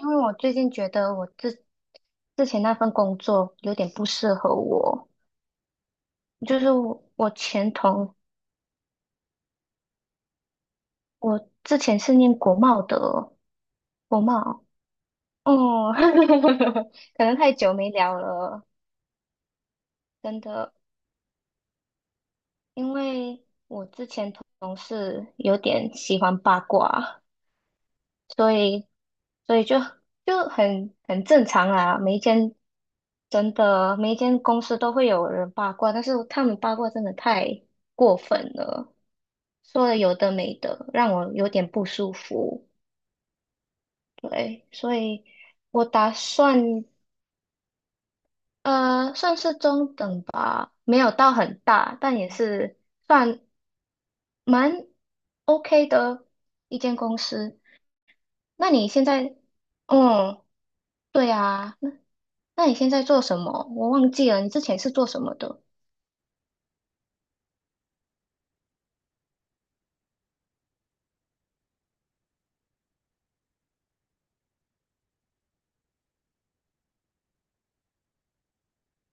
因为我最近觉得我之前那份工作有点不适合我，就是我之前是念国贸的。国贸。哦，可能太久没聊了。真的。因为同事有点喜欢八卦，所以所以就很正常啊。每一间真的每一间公司都会有人八卦，但是他们八卦真的太过分了。说了有的没的，让我有点不舒服。对，所以我打算呃算是中等吧，没有到很大，但也是算蛮 OK 的一间公司。那你现在，嗯，对啊，那你现在做什么？我忘记了，你之前是做什么的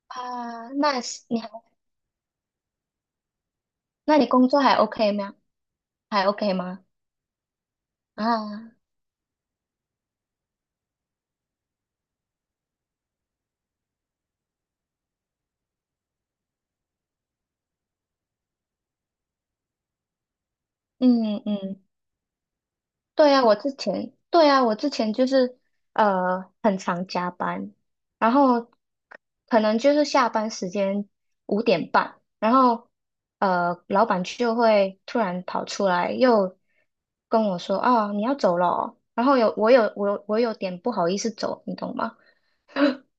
啊？那你工作还 OK 吗？还 OK 吗？啊，嗯嗯。对啊，我之前，对啊，我之前就是很常加班，然后可能就是下班时间5:30，然后老板就会突然跑出来又跟我说啊，你要走了哦？然后有我有我有我有点不好意思走，你懂吗？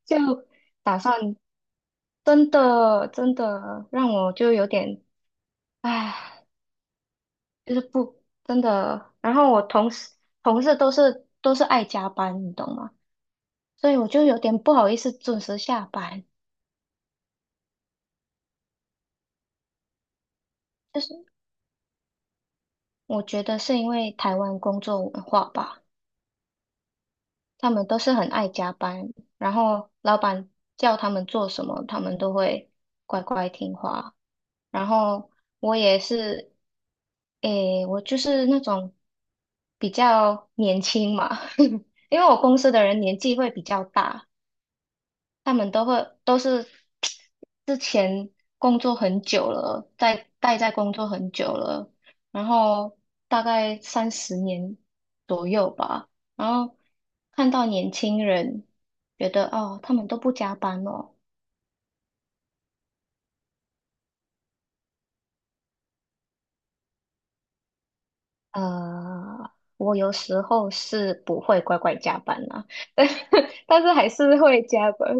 就打算真的真的让我就有点唉。就是不真的。然后我同事都是爱加班，你懂吗？所以我就有点不好意思准时下班。就是我觉得是因为台湾工作文化吧，他们都是很爱加班，然后老板叫他们做什么，他们都会乖乖听话。然后我也是，诶，我就是那种比较年轻嘛。因为我公司的人年纪会比较大。他们都是之前工作很久了，待在工作很久了。然后大概30年左右吧。然后看到年轻人，觉得哦，他们都不加班哦。呃，我有时候是不会乖乖加班啦。但是但是还是会加班。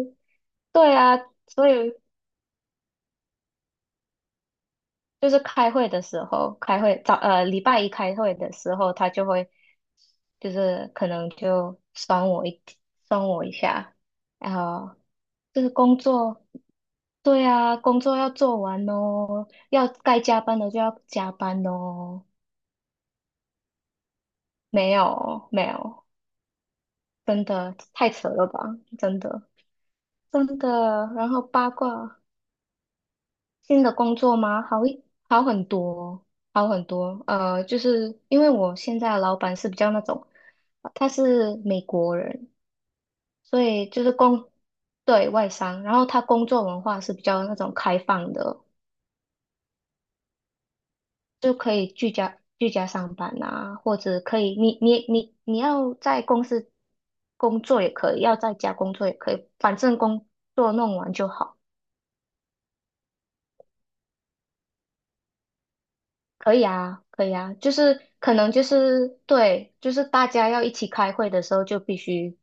对啊，所以。就是开会的时候，开会早呃礼拜一开会的时候，他就会就是可能就酸我一下，然后就是工作。对啊，工作要做完哦，要该加班的就要加班哦。没有没有，真的太扯了吧。真的真的。然后八卦。新的工作吗？好很多哦。好很多。就是因为我现在的老板是比较那种，他是美国人。所以就是对，外商。然后他工作文化是比较那种开放的。就可以居家上班啊，或者可以你要在公司工作也可以，要在家工作也可以，反正工作弄完就好。可以啊，可以啊，就是可能就是对，就是大家要一起开会的时候就必须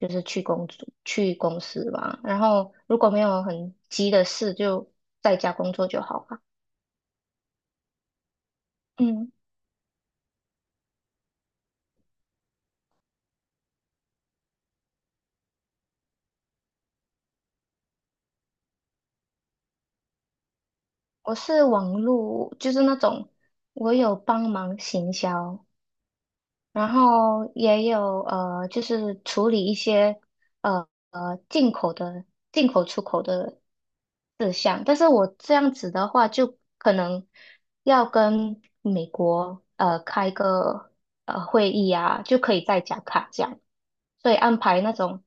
就是去公司吧。然后如果没有很急的事，就在家工作就好了。嗯，我是网络，就是那种我有帮忙行销。然后也有就是处理一些呃呃进口的进口出口的志向。但是我这样子的话，就可能要跟美国开个会议啊，就可以在加卡这样。所以安排那种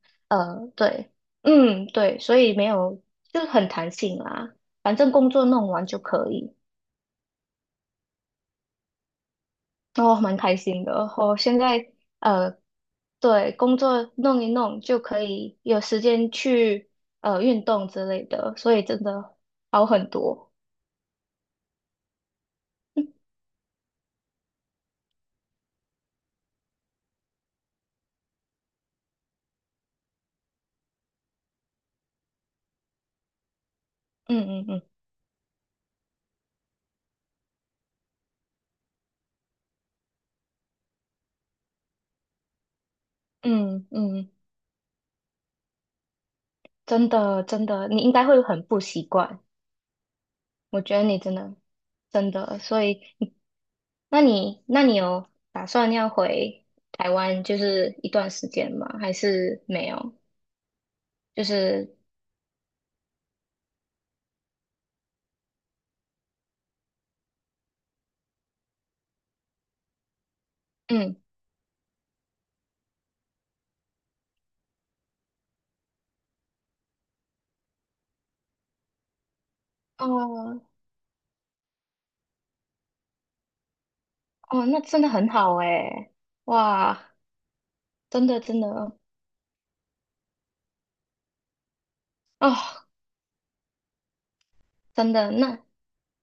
对，嗯对，所以没有就很弹性啦，反正工作弄完就可以。哦，蛮开心的。我现在呃对工作弄一弄就可以有时间去运动之类的，所以真的好很多。嗯嗯嗯嗯嗯。真的真的，你应该会很不习惯。我觉得你真的真的，所以那你有打算要回台湾就是一段时间吗？还是没有？就是嗯哦哦，那真的很好诶。哇，真的真的哦，真的那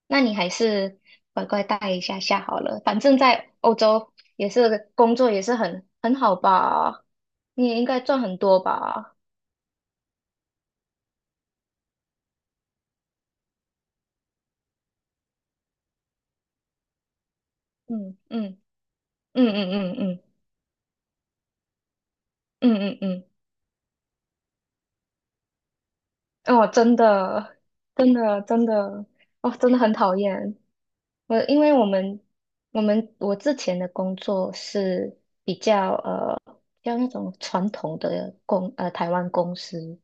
那你还是乖乖待一下下好了，反正在欧洲也是工作也是很好吧。你也应该赚很多吧。嗯嗯嗯嗯嗯嗯嗯嗯嗯，嗯哦，真的，真的，真的，哦，真的很讨厌。因为我之前的工作是比较那种传统的台湾公司。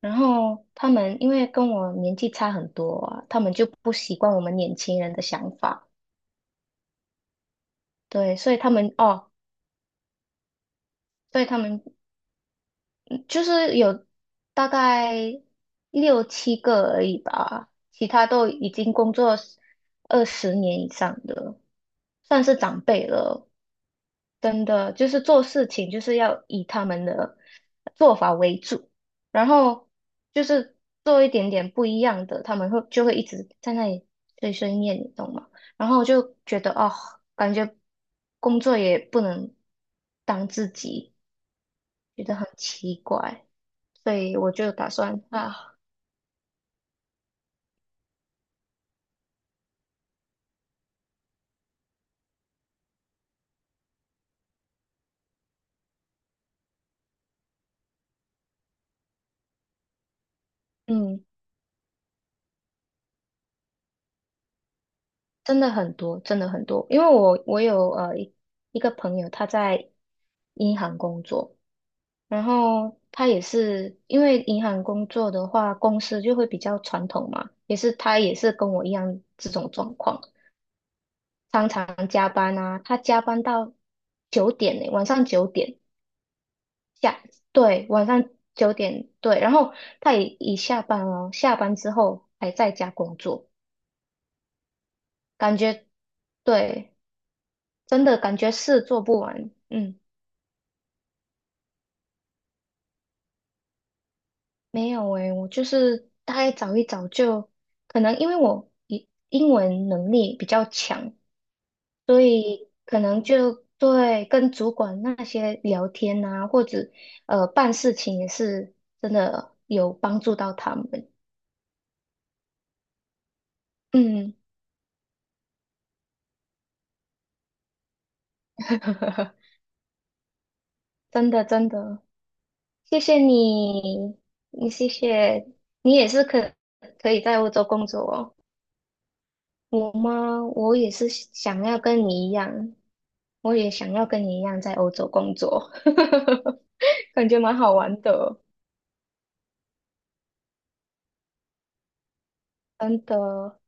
然后他们因为跟我年纪差很多啊，他们就不习惯我们年轻人的想法。对。所以他们就是有大概六七个而已吧，其他都已经工作20年以上的，算是长辈了。真的，就是做事情就是要以他们的做法为主，然后就是做一点点不一样的，他们就会一直在那里碎碎念，你懂吗？然后我就觉得哦，感觉工作也不能当自己，觉得很奇怪。所以我就打算啊。嗯，真的很多，真的很多。因为我有一个朋友，他在银行工作。然后他也是因为银行工作的话，公司就会比较传统嘛，他也是跟我一样这种状况，常常加班啊。他加班到九点呢，晚上九点下，对，晚上九点对。然后他也已下班哦，下班之后还在家工作，感觉。对，真的感觉事做不完。嗯，没有诶，我就是大概找一找就，可能因为我英文能力比较强，所以可能就对跟主管那些聊天啊，或者办事情也是真的有帮助到他们。嗯，真的真的，谢谢你。你谢谢你也是可以在欧洲工作哦。我吗？我也想要跟你一样在欧洲工作。感觉蛮好玩的，真的。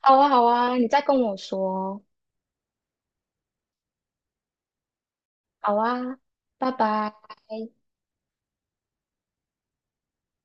好啊，好啊，你再跟我说哦。好啊，拜拜。